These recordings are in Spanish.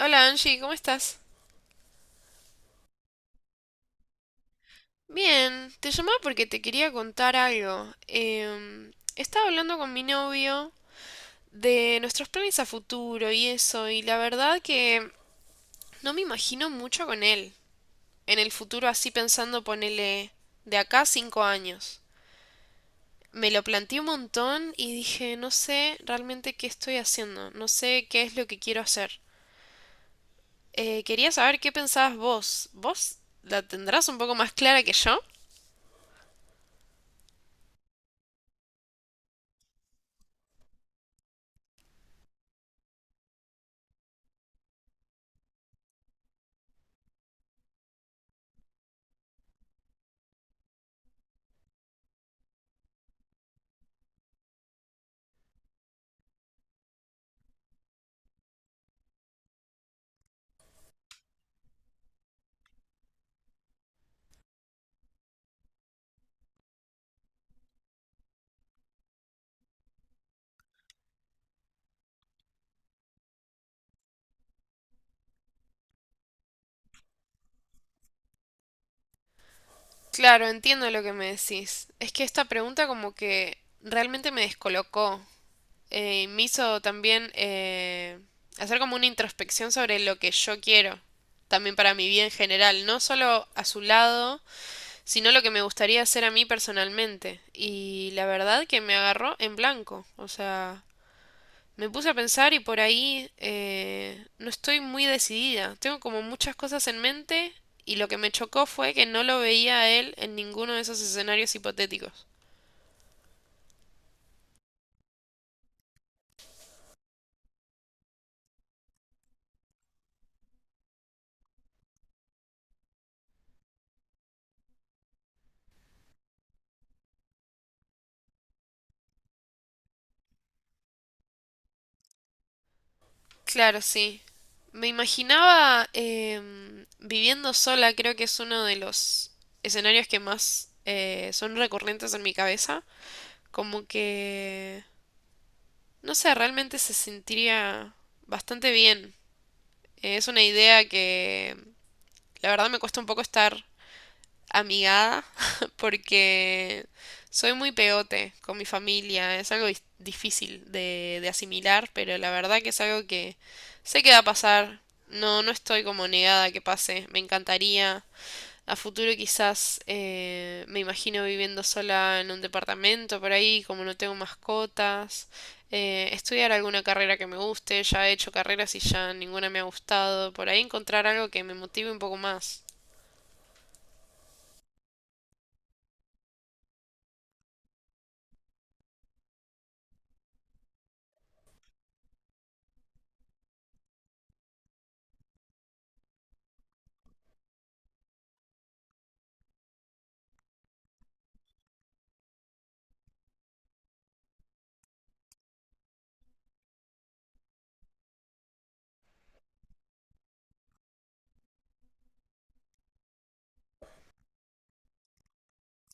Hola Angie, ¿cómo estás? Bien, te llamaba porque te quería contar algo. Estaba hablando con mi novio de nuestros planes a futuro y eso, y la verdad que no me imagino mucho con él. En el futuro así pensando ponele de acá a 5 años. Me lo planteé un montón y dije, no sé realmente qué estoy haciendo, no sé qué es lo que quiero hacer. Quería saber qué pensabas vos. ¿Vos la tendrás un poco más clara que yo? Claro, entiendo lo que me decís. Es que esta pregunta como que realmente me descolocó. Y me hizo también hacer como una introspección sobre lo que yo quiero, también para mi vida en general, no solo a su lado, sino lo que me gustaría hacer a mí personalmente. Y la verdad que me agarró en blanco. O sea, me puse a pensar y por ahí no estoy muy decidida. Tengo como muchas cosas en mente y lo que me chocó fue que no lo veía a él en ninguno de esos escenarios hipotéticos. Claro, sí. Me imaginaba viviendo sola, creo que es uno de los escenarios que más son recurrentes en mi cabeza. Como que, no sé, realmente se sentiría bastante bien. Es una idea que la verdad me cuesta un poco estar amigada porque soy muy pegote con mi familia. Es algo difícil de asimilar, pero la verdad que es algo que sé que va a pasar. No, no estoy como negada a que pase. Me encantaría. A futuro quizás me imagino viviendo sola en un departamento por ahí, como no tengo mascotas. Estudiar alguna carrera que me guste. Ya he hecho carreras y ya ninguna me ha gustado. Por ahí encontrar algo que me motive un poco más.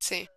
Sí.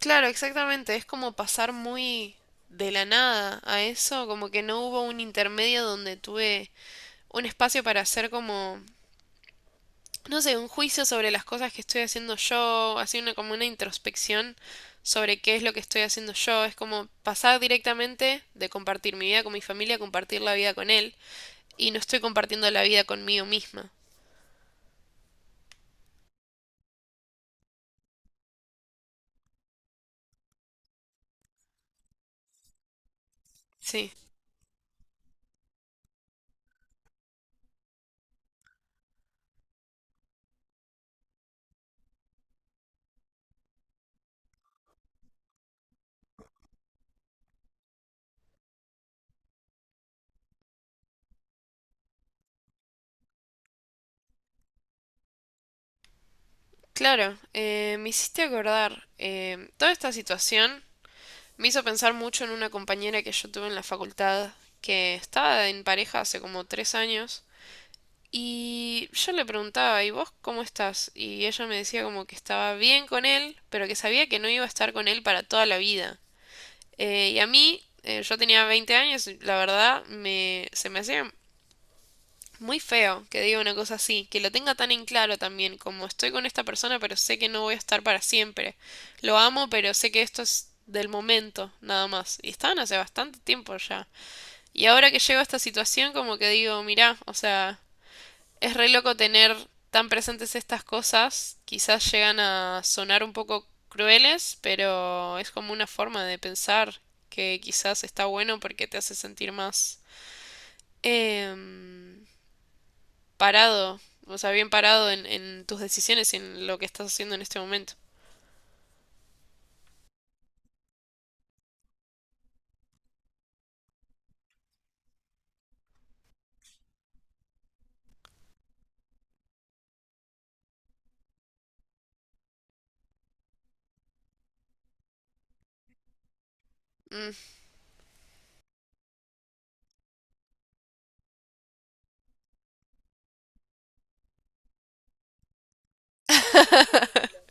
Claro, exactamente. Es como pasar muy de la nada a eso, como que no hubo un intermedio donde tuve un espacio para hacer como, no sé, un juicio sobre las cosas que estoy haciendo yo, así una como una introspección sobre qué es lo que estoy haciendo yo. Es como pasar directamente de compartir mi vida con mi familia a compartir la vida con él, y no estoy compartiendo la vida conmigo misma. Sí. Claro, me hiciste acordar, toda esta situación me hizo pensar mucho en una compañera que yo tuve en la facultad, que estaba en pareja hace como 3 años, y yo le preguntaba, ¿y vos cómo estás? Y ella me decía como que estaba bien con él, pero que sabía que no iba a estar con él para toda la vida. Y a mí, yo tenía 20 años, y la verdad, me, se me hacía muy feo que diga una cosa así, que lo tenga tan en claro también, como estoy con esta persona, pero sé que no voy a estar para siempre. Lo amo, pero sé que esto es del momento, nada más. Y estaban hace bastante tiempo ya. Y ahora que llego a esta situación, como que digo, mirá, o sea, es re loco tener tan presentes estas cosas. Quizás llegan a sonar un poco crueles, pero es como una forma de pensar que quizás está bueno porque te hace sentir más. Em, parado, o sea, bien parado en tus decisiones y en lo que estás haciendo en este momento. Mm.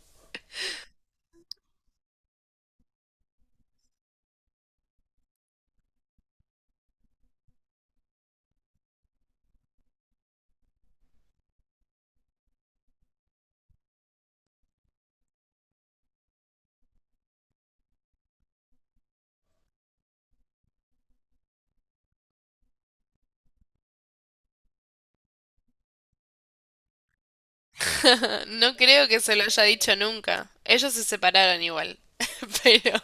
No creo que se lo haya dicho nunca. Ellos se separaron igual. Pero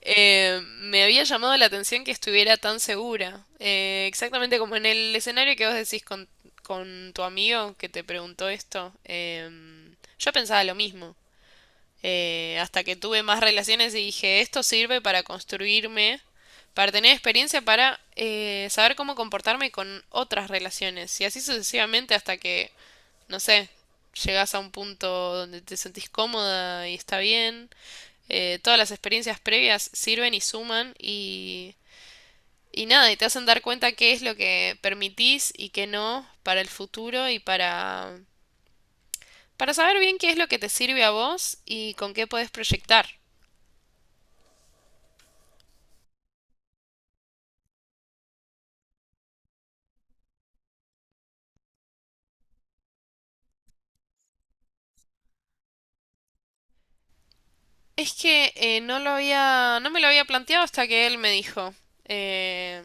me había llamado la atención que estuviera tan segura. Exactamente como en el escenario que vos decís con tu amigo que te preguntó esto. Yo pensaba lo mismo. Hasta que tuve más relaciones y dije, esto sirve para construirme, para tener experiencia, para saber cómo comportarme con otras relaciones. Y así sucesivamente hasta que, no sé, llegas a un punto donde te sentís cómoda y está bien. Todas las experiencias previas sirven y suman y nada, y te hacen dar cuenta qué es lo que permitís y qué no para el futuro y para saber bien qué es lo que te sirve a vos y con qué podés proyectar. Es que no lo había, no me lo había planteado hasta que él me dijo. Eh,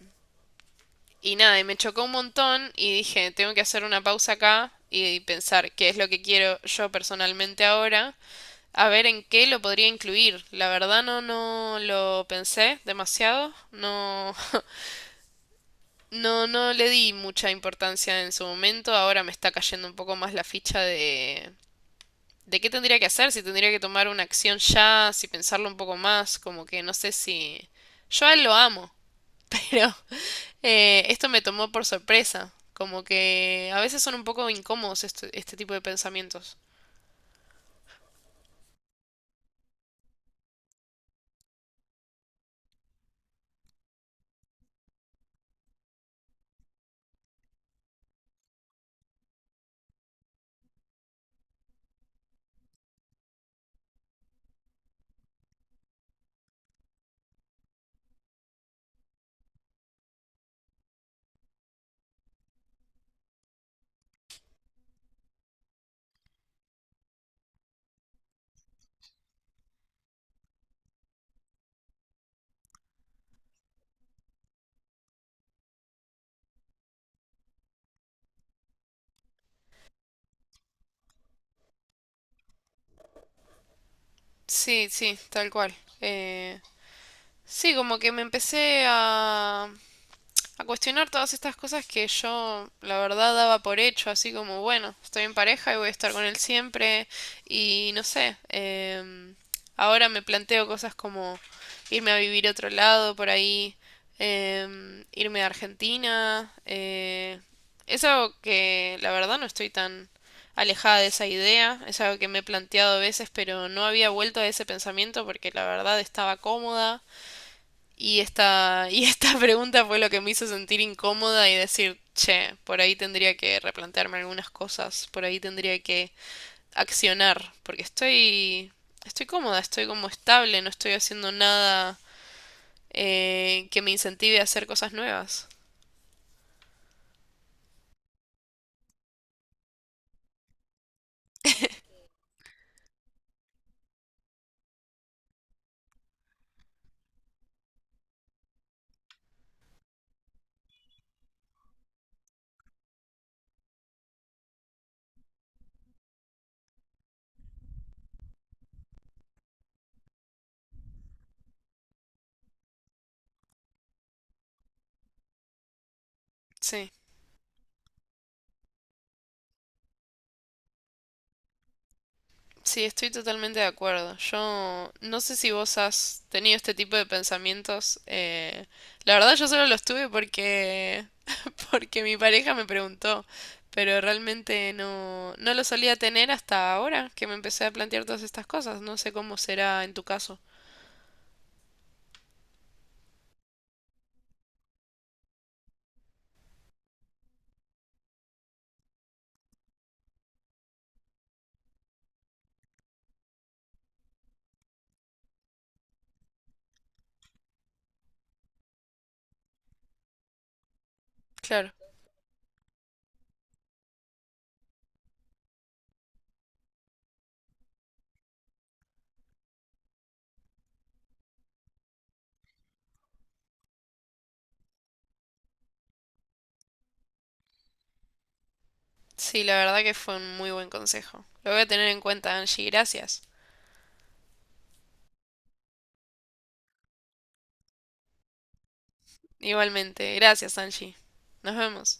y nada, y me chocó un montón y dije, tengo que hacer una pausa acá y pensar qué es lo que quiero yo personalmente ahora, a ver en qué lo podría incluir. La verdad no, no lo pensé demasiado, no, no, no le di mucha importancia en su momento, ahora me está cayendo un poco más la ficha de qué tendría que hacer, si tendría que tomar una acción ya, si pensarlo un poco más, como que no sé si. Yo a él lo amo, pero esto me tomó por sorpresa, como que a veces son un poco incómodos este tipo de pensamientos. Sí, sí, tal cual. Eh, sí, como que me empecé a cuestionar todas estas cosas que yo, la verdad, daba por hecho, así como, bueno, estoy en pareja y voy a estar con él siempre, y no sé, ahora me planteo cosas como irme a vivir a otro lado por ahí, irme a Argentina, es algo que la verdad no estoy tan alejada de esa idea, es algo que me he planteado a veces, pero no había vuelto a ese pensamiento porque la verdad estaba cómoda y esta, y esta pregunta fue lo que me hizo sentir incómoda y decir, che, por ahí tendría que replantearme algunas cosas, por ahí tendría que accionar, porque estoy, estoy cómoda, estoy como estable, no estoy haciendo nada que me incentive a hacer cosas nuevas. Sí. Sí, estoy totalmente de acuerdo. Yo no sé si vos has tenido este tipo de pensamientos. La verdad yo solo los tuve porque porque mi pareja me preguntó, pero realmente no no lo solía tener hasta ahora que me empecé a plantear todas estas cosas. No sé cómo será en tu caso. Claro. Sí, la verdad que fue un muy buen consejo. Lo voy a tener en cuenta, Angie. Gracias. Igualmente. Gracias, Angie. Nos vemos.